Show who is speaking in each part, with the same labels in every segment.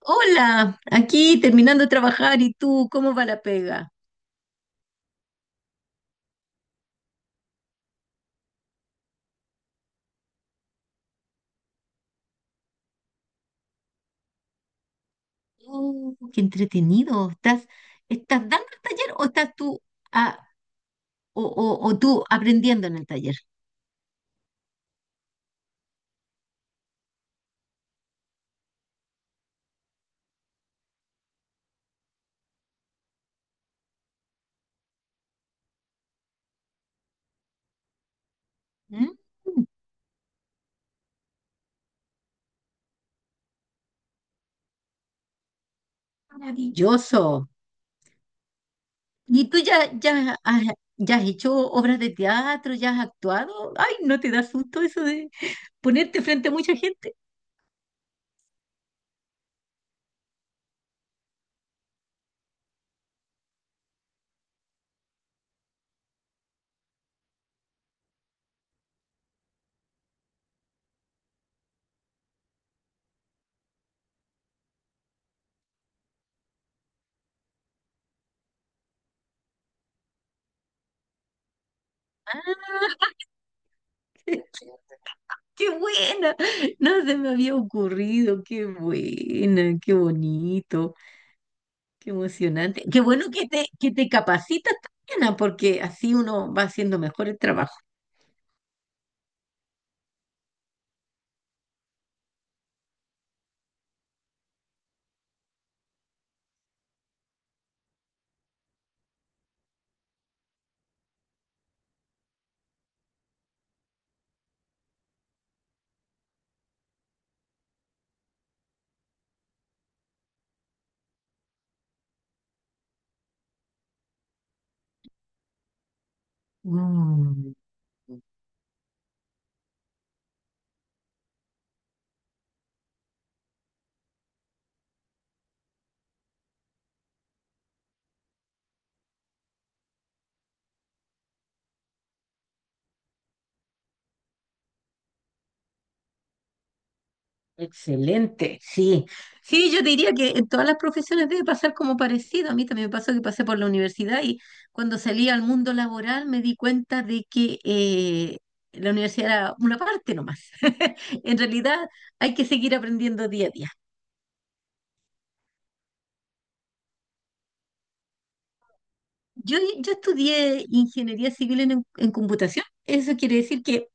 Speaker 1: Hola, aquí terminando de trabajar y tú, ¿cómo va la pega? Oh, qué entretenido. ¿Estás dando el taller o estás tú ah, o tú aprendiendo en el taller? Mm. Maravilloso. ¿Y tú ya has hecho obras de teatro? ¿Ya has actuado? Ay, ¿no te da susto eso de ponerte frente a mucha gente? Ah. ¡Qué buena! No se me había ocurrido, qué buena, qué bonito. Qué emocionante. Qué bueno que te capacitas también, porque así uno va haciendo mejor el trabajo. Mm, excelente, sí. Sí, yo diría que en todas las profesiones debe pasar como parecido. A mí también me pasó que pasé por la universidad y cuando salí al mundo laboral me di cuenta de que la universidad era una parte nomás. En realidad hay que seguir aprendiendo día a día. Yo estudié ingeniería civil en computación. Eso quiere decir que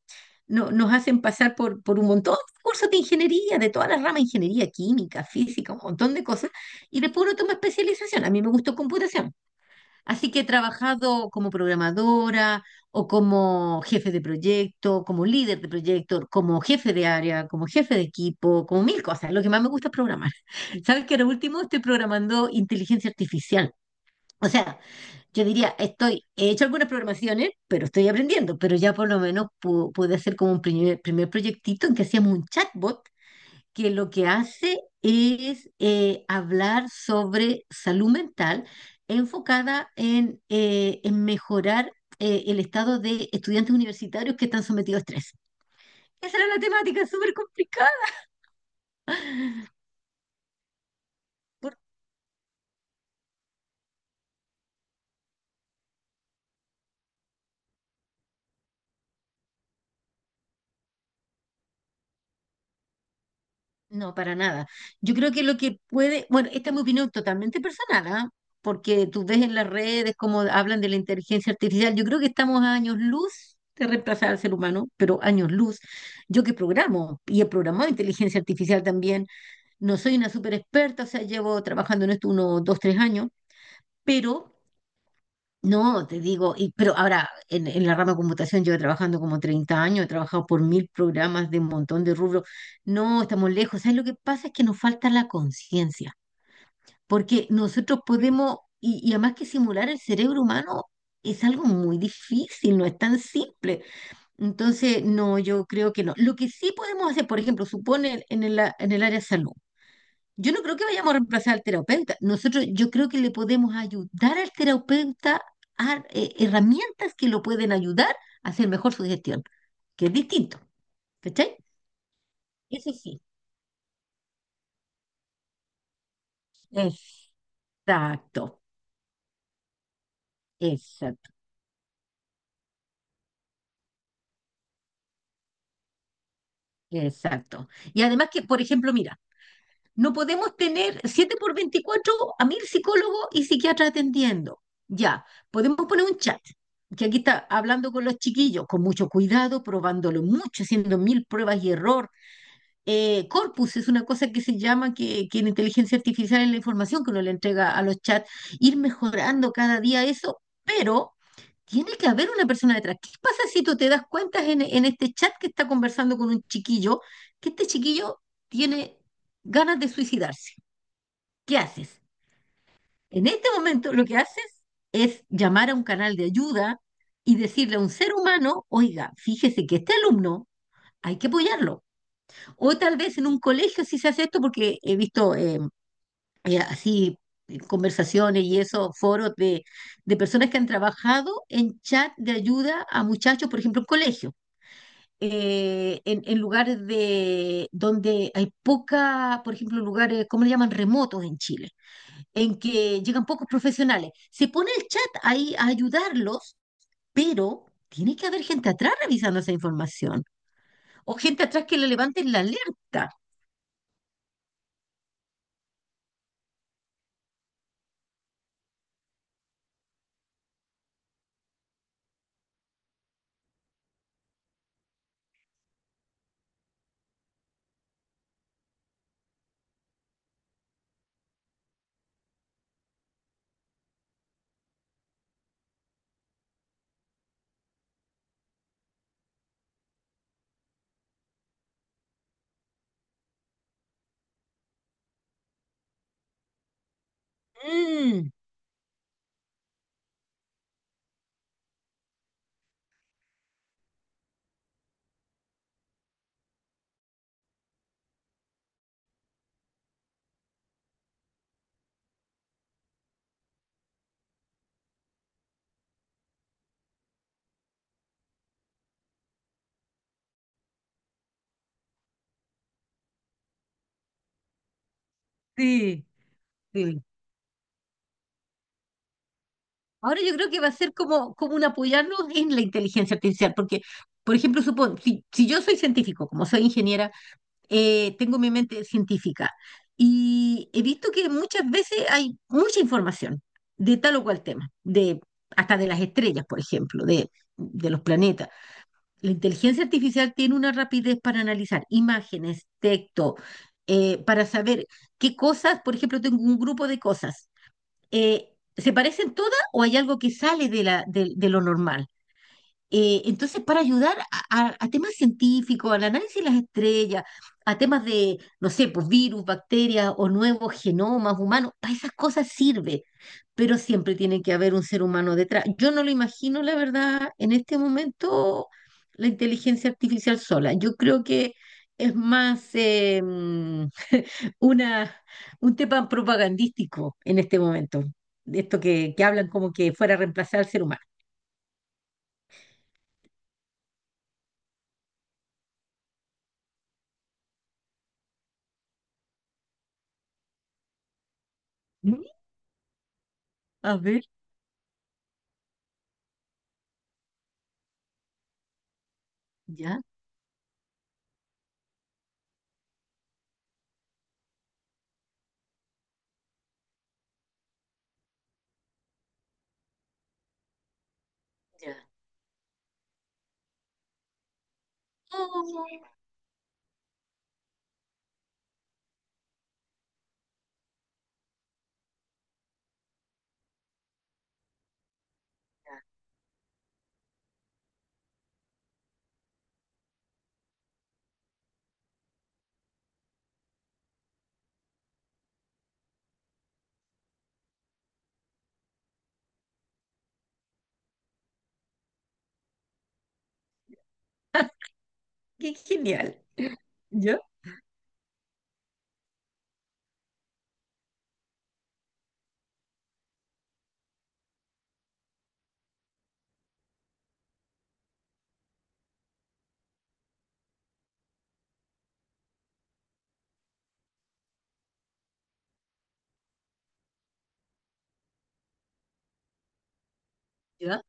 Speaker 1: nos hacen pasar por un montón de cursos de ingeniería, de todas las ramas, ingeniería química, física, un montón de cosas, y después uno toma especialización. A mí me gustó computación. Así que he trabajado como programadora o como jefe de proyecto, como líder de proyecto, como jefe de área, como jefe de equipo, como mil cosas. Lo que más me gusta es programar. Sabes que ahora último estoy programando inteligencia artificial. O sea, yo diría, estoy, he hecho algunas programaciones, pero estoy aprendiendo, pero ya por lo menos pude hacer como un primer, primer proyectito en que hacíamos un chatbot que lo que hace es hablar sobre salud mental enfocada en mejorar el estado de estudiantes universitarios que están sometidos a estrés. Esa era la temática, súper complicada. No, para nada. Yo creo que lo que puede, bueno, esta es mi opinión totalmente personal, ¿ah? Porque tú ves en las redes cómo hablan de la inteligencia artificial. Yo creo que estamos a años luz de reemplazar al ser humano, pero años luz. Yo que programo y he programado inteligencia artificial también, no soy una súper experta, o sea, llevo trabajando en esto unos dos, tres años, pero no, te digo, pero ahora en la rama de computación llevo trabajando como 30 años, he trabajado por mil programas de un montón de rubros. No, estamos lejos. ¿Sabes lo que pasa? Es que nos falta la conciencia, porque nosotros podemos, y además que simular el cerebro humano es algo muy difícil, no es tan simple. Entonces, no, yo creo que no. Lo que sí podemos hacer, por ejemplo, supone en el área de salud. Yo no creo que vayamos a reemplazar al terapeuta. Nosotros, yo creo que le podemos ayudar al terapeuta a herramientas que lo pueden ayudar a hacer mejor su gestión, que es distinto. ¿Cachai? Eso sí. Exacto, exacto, exacto. Y además que, por ejemplo, mira, no podemos tener 7x24 a mil psicólogos y psiquiatras atendiendo. Ya, podemos poner un chat, que aquí está hablando con los chiquillos, con mucho cuidado, probándolo mucho, haciendo mil pruebas y errores, corpus, es una cosa que se llama que en inteligencia artificial es la información que uno le entrega a los chats, ir mejorando cada día eso, pero tiene que haber una persona detrás. ¿Qué pasa si tú te das cuenta en este chat que está conversando con un chiquillo, que este chiquillo tiene ganas de suicidarse? ¿Qué haces? En este momento lo que haces es llamar a un canal de ayuda y decirle a un ser humano, oiga, fíjese que este alumno hay que apoyarlo. O tal vez en un colegio sí se hace esto porque he visto así, conversaciones y eso, foros de personas que han trabajado en chat de ayuda a muchachos, por ejemplo, en colegio. En lugares de donde hay poca, por ejemplo, lugares, ¿cómo le llaman? Remotos en Chile, en que llegan pocos profesionales. Se pone el chat ahí a ayudarlos, pero tiene que haber gente atrás revisando esa información o gente atrás que le levanten la alerta. Mm, sí. Sí. Ahora yo creo que va a ser como, como un apoyarnos en la inteligencia artificial, porque, por ejemplo, supón, si yo soy científico, como soy ingeniera, tengo mi mente científica y he visto que muchas veces hay mucha información de tal o cual tema, de, hasta de las estrellas, por ejemplo, de los planetas. La inteligencia artificial tiene una rapidez para analizar imágenes, texto, para saber qué cosas, por ejemplo, tengo un grupo de cosas. ¿Se parecen todas o hay algo que sale de lo normal? Entonces, para ayudar a temas científicos, al análisis de las estrellas, a temas de, no sé, pues virus, bacterias o nuevos genomas humanos, para esas cosas sirve, pero siempre tiene que haber un ser humano detrás. Yo no lo imagino, la verdad, en este momento, la inteligencia artificial sola. Yo creo que es más, una, un tema propagandístico en este momento, de esto que hablan como que fuera a reemplazar al ser humano. Mm. A ver, ya. Ya. Oh, qué genial. Ya. ¿Ya?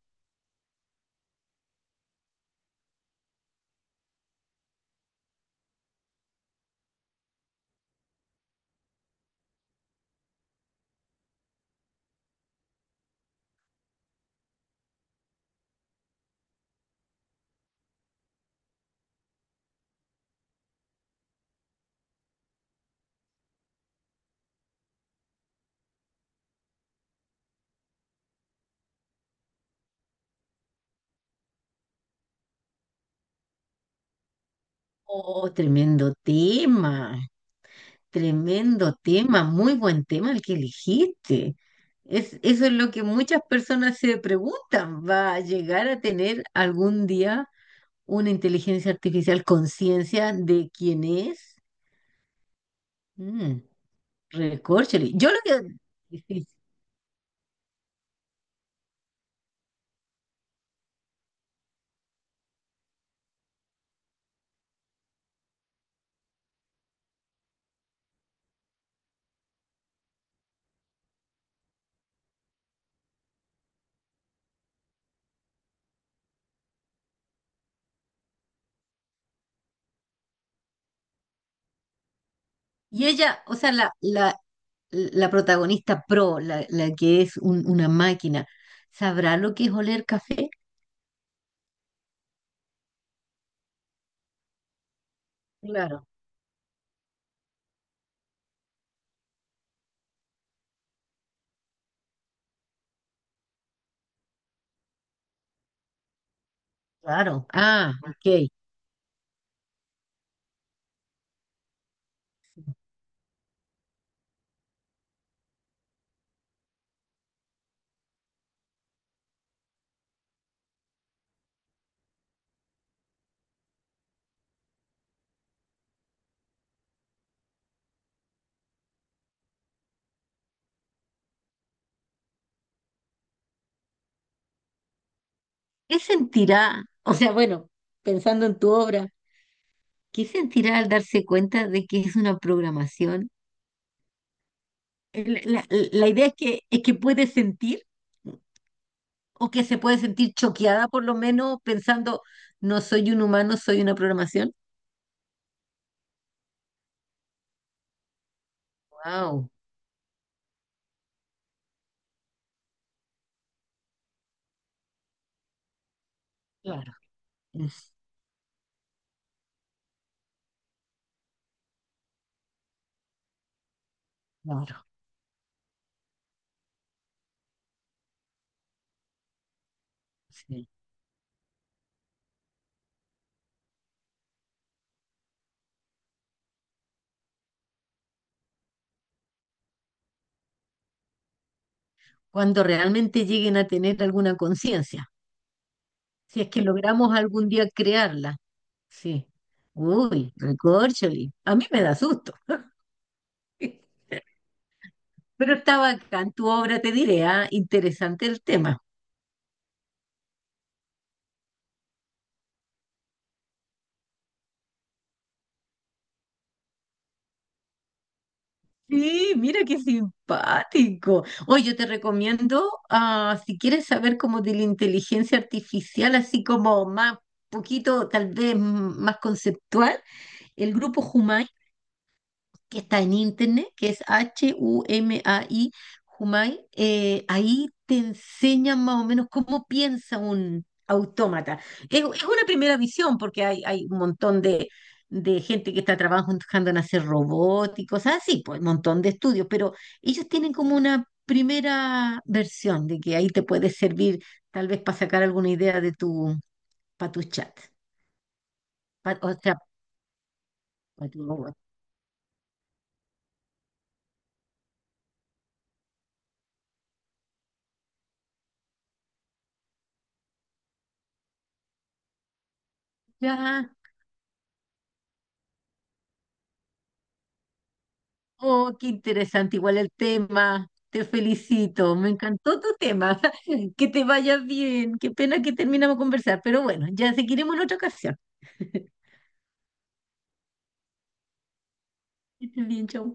Speaker 1: Oh, tremendo tema, muy buen tema el que elegiste. Es, eso es lo que muchas personas se preguntan. ¿Va a llegar a tener algún día una inteligencia artificial conciencia de quién es? Mm, recórchale. Yo lo que... Y ella, o sea, la protagonista pro, la que es una máquina, ¿sabrá lo que es oler café? Claro. Claro. Ah, ok. ¿Qué sentirá? O sea, bueno, pensando en tu obra, ¿qué sentirá al darse cuenta de que es una programación? La idea es que puede sentir o que se puede sentir choqueada por lo menos pensando, no soy un humano, soy una programación. Wow. Claro. es- claro. Sí. Cuando realmente lleguen a tener alguna conciencia. Si es que logramos algún día crearla, sí. Uy, recorcholi. A mí me da susto. Pero está bacán tu obra, te diré, ah, interesante el tema. Sí, mira qué simpático. Oye, yo te recomiendo, ah, si quieres saber como de la inteligencia artificial, así como más, poquito, tal vez, más conceptual, el grupo Humay que está en internet, que es HUMAI, Humai, ahí te enseñan más o menos cómo piensa un autómata. Es una primera visión, porque hay un montón de gente que está trabajando en hacer robots y cosas así, pues un montón de estudios, pero ellos tienen como una primera versión de que ahí te puede servir tal vez para sacar alguna idea de tu, para tu chat, o sea, para tu robot. Oh, qué interesante, igual el tema. Te felicito, me encantó tu tema. Que te vaya bien. Qué pena que terminamos de conversar, pero bueno, ya seguiremos en otra ocasión. Que estés bien, chau.